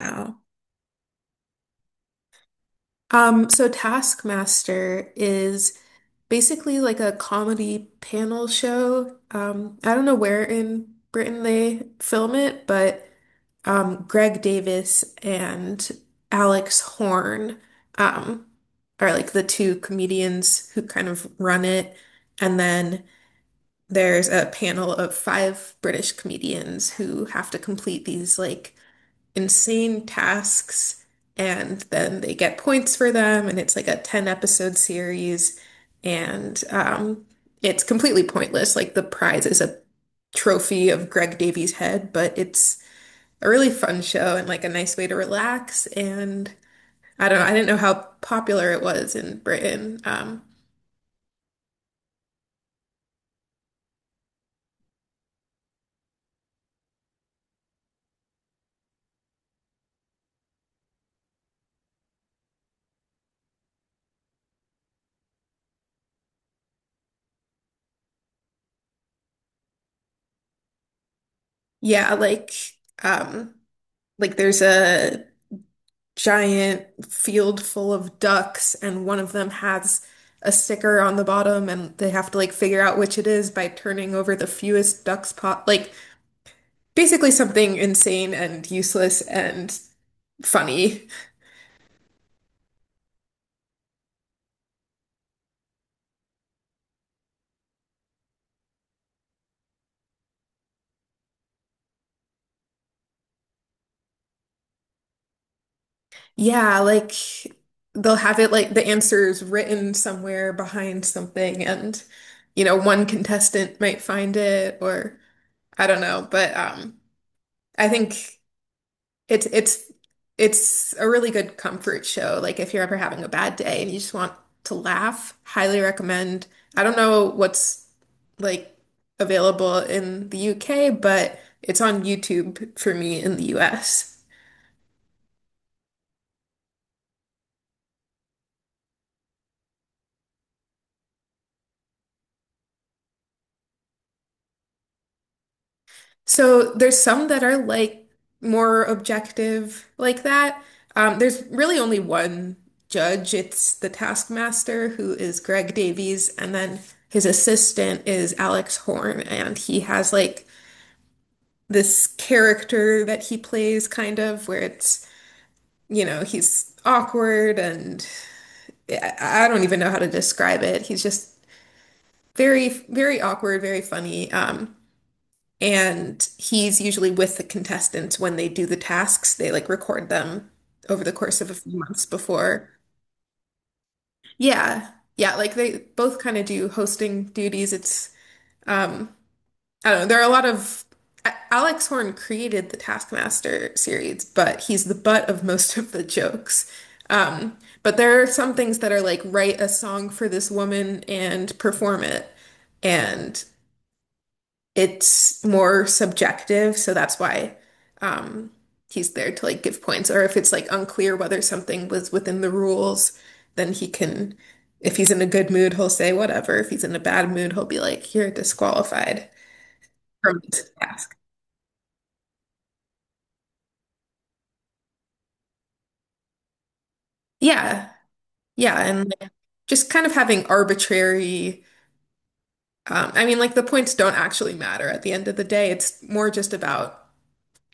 Wow. So Taskmaster is basically like a comedy panel show. I don't know where in Britain they film it, but Greg Davis and Alex Horn um, are like the two comedians who kind of run it. And then there's a panel of five British comedians who have to complete these like insane tasks, and then they get points for them, and it's like a 10 episode series. And it's completely pointless. Like the prize is a trophy of Greg Davies' head, but it's a really fun show and like a nice way to relax. And I don't know, I didn't know how popular it was in Britain. Yeah, like, um like there's a giant field full of ducks, and one of them has a sticker on the bottom, and they have to like figure out which it is by turning over the fewest ducks pot. Like basically something insane and useless and funny. Yeah, like they'll have it like the answers written somewhere behind something, and you know, one contestant might find it, or I don't know, but I think. It's it's it's a really good comfort show. Like if you're ever having a bad day and you just want to laugh, highly recommend. I don't know what's like available in the UK, but it's on YouTube for me in the US. So there's some that are like more objective like that. There's really only one judge. It's the Taskmaster, who is Greg Davies, and then his assistant is Alex Horn, and he has like this character that he plays, kind of, where it's, you know, he's awkward, and I don't even know how to describe it. He's just very, very awkward, very funny. And he's usually with the contestants when they do the tasks. They like record them over the course of a few months before. Yeah. Yeah, like they both kind of do hosting duties. It's um I don't know. There are a lot of Alex Horn created the Taskmaster series, but he's the butt of most of the jokes. Um, but there are some things that are like write a song for this woman and perform it, and it's more subjective, so that's why, um, he's there to like give points. Or if it's like unclear whether something was within the rules, then he can, if he's in a good mood, he'll say whatever. If he's in a bad mood, he'll be like, you're disqualified from this task. Yeah. Yeah. And like, just kind of having arbitrary, I mean, like the points don't actually matter at the end of the day. It's more just about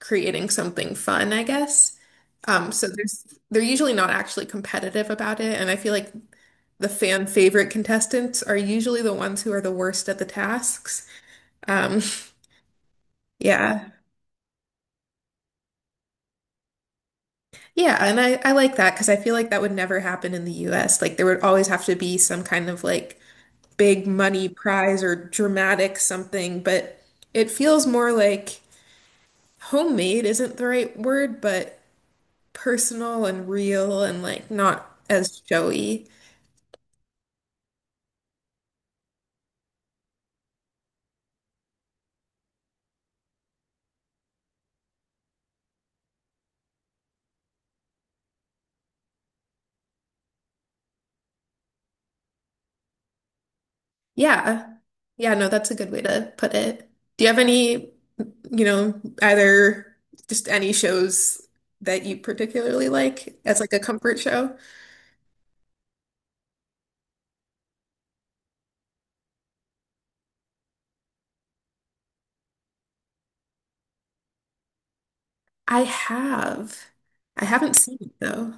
creating something fun, I guess. Um, so there's, they're usually not actually competitive about it. And I feel like the fan favorite contestants are usually the ones who are the worst at the tasks. Um, yeah. Yeah. And I like that because I feel like that would never happen in the US. Like there would always have to be some kind of like big money prize or dramatic something, but it feels more like homemade isn't the right word, but personal and real and like not as showy. Yeah. Yeah, no, that's a good way to put it. Do you have any, you know, either just any shows that you particularly like as like a comfort show? I have. I haven't seen it though.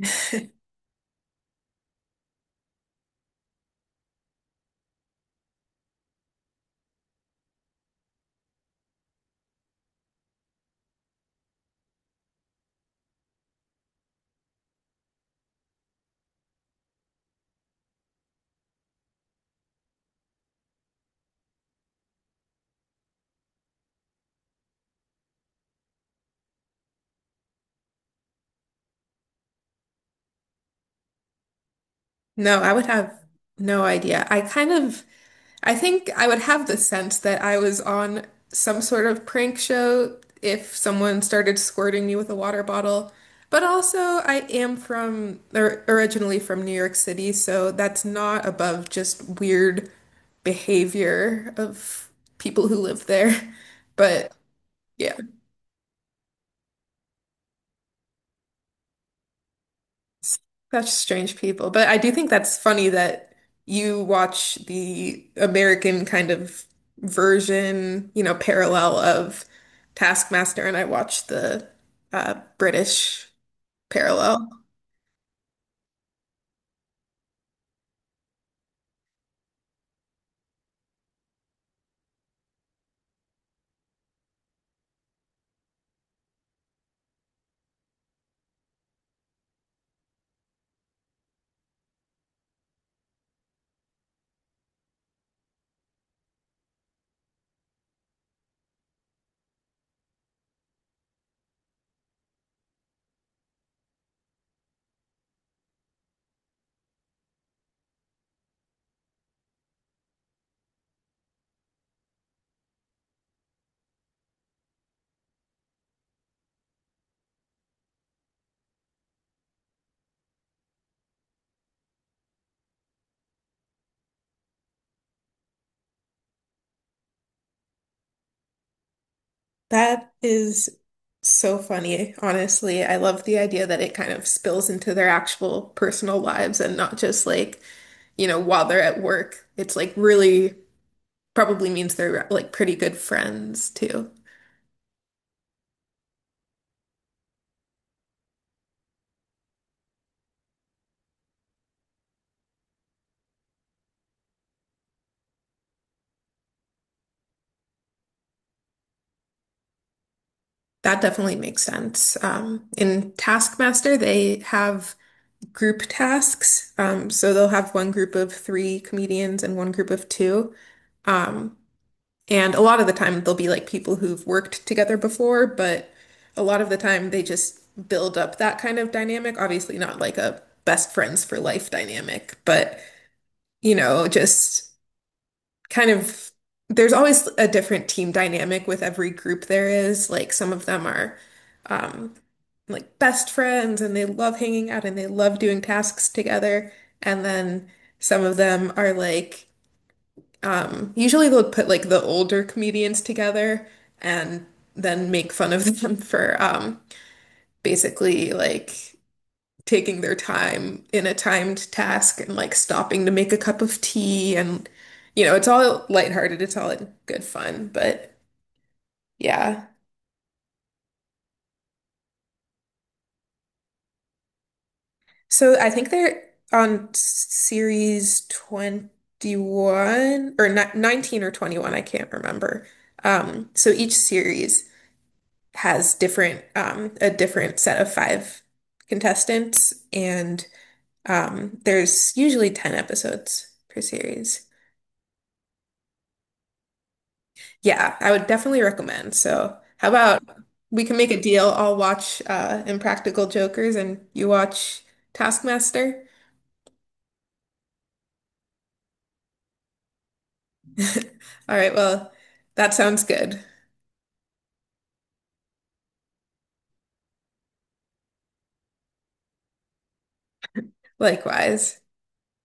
No, I would have no idea. I kind of I think I would have the sense that I was on some sort of prank show if someone started squirting me with a water bottle. But also, I am from, or originally from New York City, so that's not above just weird behavior of people who live there. But yeah. Such strange people. But I do think that's funny that you watch the American kind of version, you know, parallel of Taskmaster, and I watch the British parallel. That is so funny, honestly. I love the idea that it kind of spills into their actual personal lives and not just like, you know, while they're at work. It's like really probably means they're like pretty good friends too. That definitely makes sense. In Taskmaster, they have group tasks. So they'll have one group of three comedians and one group of two. Um, and a lot of the time, they'll be like people who've worked together before, but a lot of the time, they just build up that kind of dynamic. Obviously, not like a best friends for life dynamic, but you know, just kind of there's always a different team dynamic with every group there is. Like some of them are um like best friends, and they love hanging out and they love doing tasks together. And then some of them are like usually they'll put like the older comedians together and then make fun of them for basically like taking their time in a timed task and like stopping to make a cup of tea, and you know, it's all lighthearted, it's all in good fun, but yeah. So I think they're on series 21 or ni 19 or 21, I can't remember. So each series has different a different set of five contestants, and there's usually 10 episodes per series. Yeah, I would definitely recommend. So, how about we can make a deal? I'll watch Impractical Jokers and you watch Taskmaster. All right, well, that sounds good. Likewise.